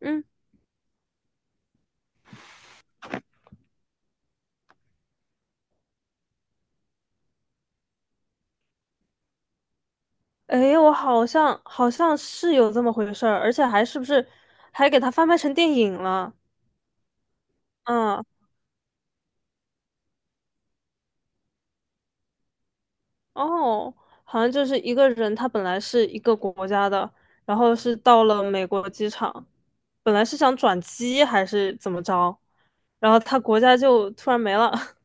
嗯，诶，我好像是有这么回事儿，而且还是不是还给它翻拍成电影了？嗯，哦，好像就是一个人，他本来是一个国家的，然后是到了美国机场，本来是想转机还是怎么着，然后他国家就突然没了。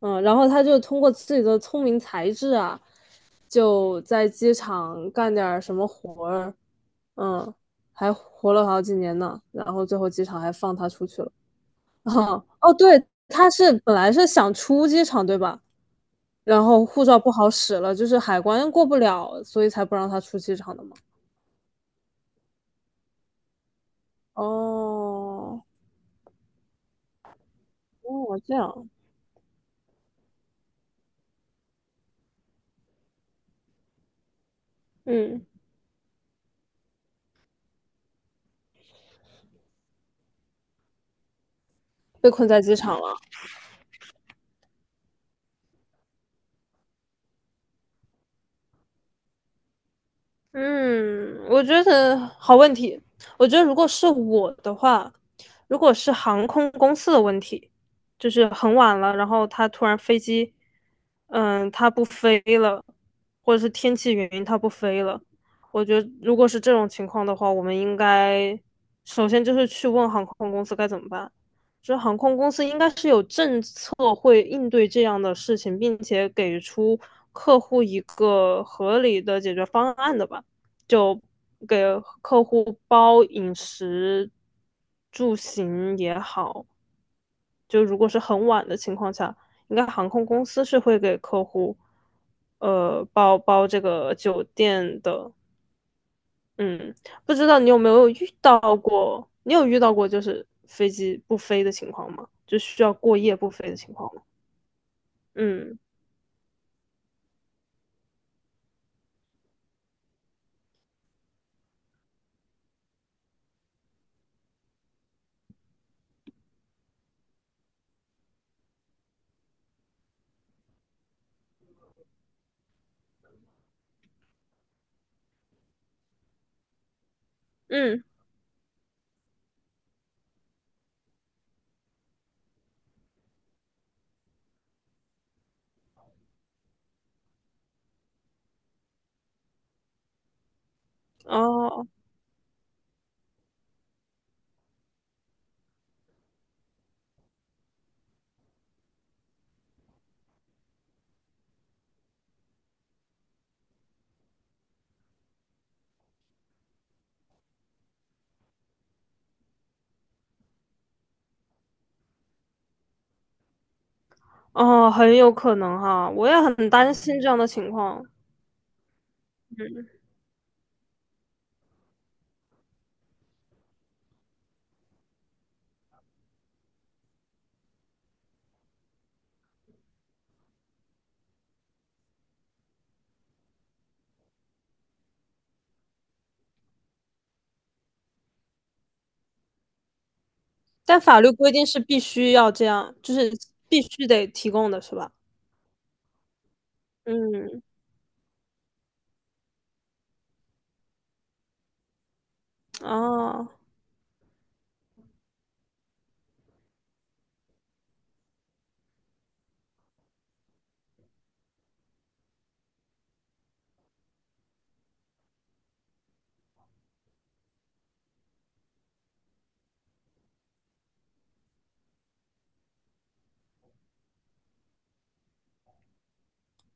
嗯，然后他就通过自己的聪明才智啊，就在机场干点儿什么活儿，嗯，还活了好几年呢。然后最后机场还放他出去了。啊，哦，对，他是本来是想出机场，对吧？然后护照不好使了，就是海关过不了，所以才不让他出机场的嘛。哦，哦，这样，嗯，被困在机场了。嗯，我觉得好问题。我觉得如果是我的话，如果是航空公司的问题，就是很晚了，然后他突然飞机，嗯，他不飞了，或者是天气原因他不飞了，我觉得如果是这种情况的话，我们应该首先就是去问航空公司该怎么办。就是航空公司应该是有政策会应对这样的事情，并且给出客户一个合理的解决方案的吧。就给客户包饮食、住行也好，就如果是很晚的情况下，应该航空公司是会给客户包这个酒店的。嗯，不知道你有没有遇到过？你有遇到过就是飞机不飞的情况吗？就需要过夜不飞的情况吗？嗯嗯，哦哦，很有可能哈，我也很担心这样的情况。嗯但法律规定是必须要这样，就是必须得提供的是吧？嗯，哦，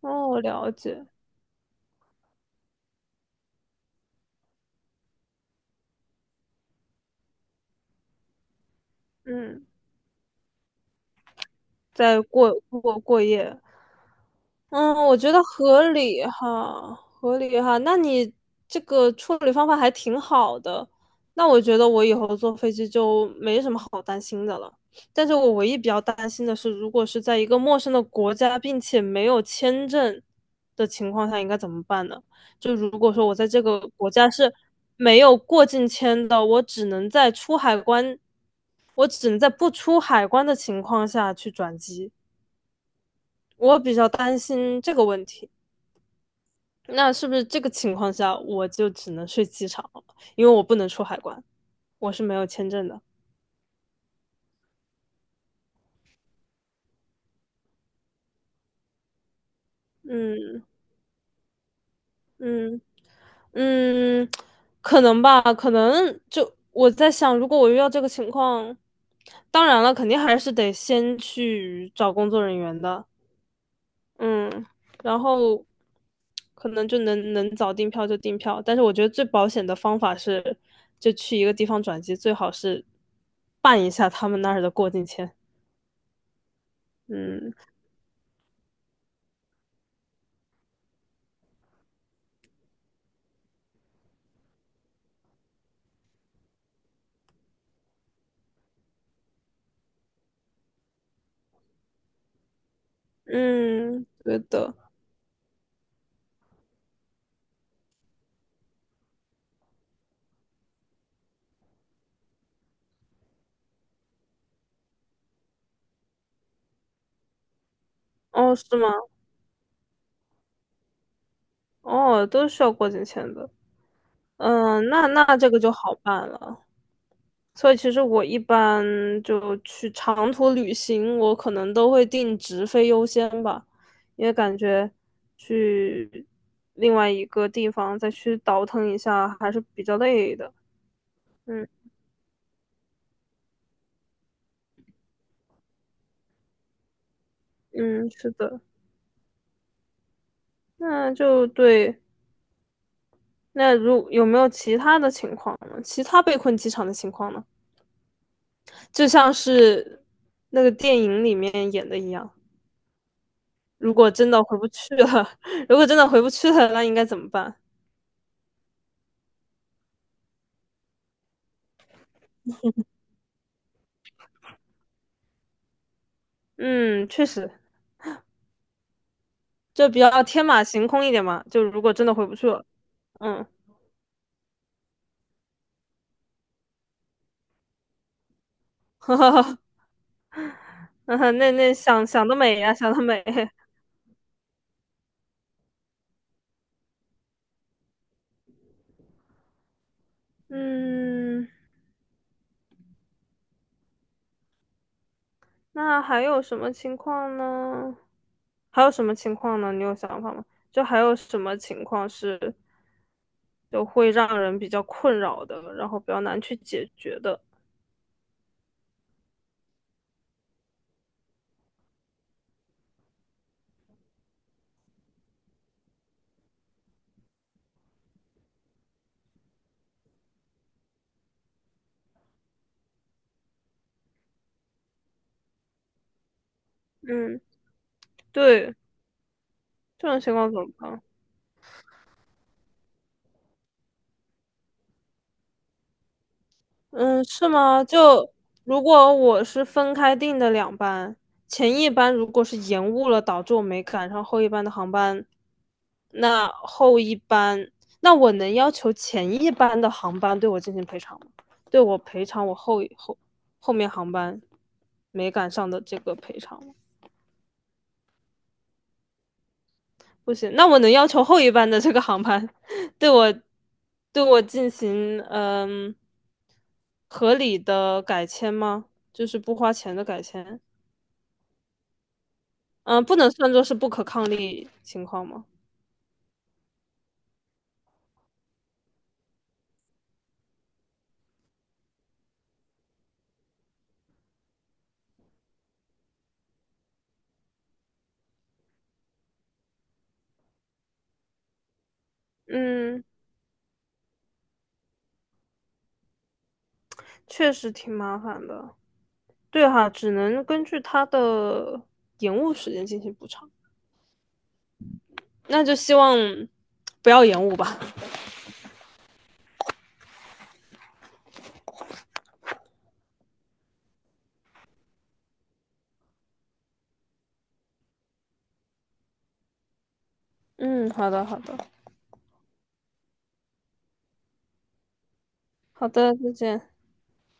哦，了解，嗯，在过夜，嗯，我觉得合理哈，合理哈。那你这个处理方法还挺好的，那我觉得我以后坐飞机就没什么好担心的了。但是我唯一比较担心的是，如果是在一个陌生的国家，并且没有签证的情况下，应该怎么办呢？就如果说我在这个国家是没有过境签的，我只能在出海关，我只能在不出海关的情况下去转机。我比较担心这个问题。那是不是这个情况下我就只能睡机场了？因为我不能出海关，我是没有签证的。嗯嗯嗯，可能吧，可能就我在想，如果我遇到这个情况，当然了，肯定还是得先去找工作人员的。嗯，然后可能就能早订票就订票，但是我觉得最保险的方法是，就去一个地方转机，最好是办一下他们那儿的过境签。嗯。嗯，对的。哦，是吗？哦，都需要过境签的。嗯，那这个就好办了。所以其实我一般就去长途旅行，我可能都会定直飞优先吧，因为感觉去另外一个地方再去倒腾一下还是比较累的。嗯嗯，是的。那就对。那如有没有其他的情况呢？其他被困机场的情况呢？就像是那个电影里面演的一样。如果真的回不去了，如果真的回不去了，那应该怎么办？嗯，确实，就比较天马行空一点嘛。就如果真的回不去了，嗯，呵呵呵那想想得美呀、想得美。嗯，那还有什么情况呢？还有什么情况呢？你有想法吗？就还有什么情况是就会让人比较困扰的，然后比较难去解决的？嗯，对，这种情况怎么办？嗯，是吗？就如果我是分开订的两班，前一班如果是延误了，导致我没赶上后一班的航班，那后一班，那我能要求前一班的航班对我进行赔偿吗？对我赔偿我后面航班没赶上的这个赔偿吗？不行，那我能要求后一班的这个航班对我对我进行嗯合理的改签吗？就是不花钱的改签，嗯，不能算作是不可抗力情况吗？嗯，确实挺麻烦的。对哈，只能根据它的延误时间进行补偿。那就希望不要延误吧。嗯，好的，好的，好的，再见。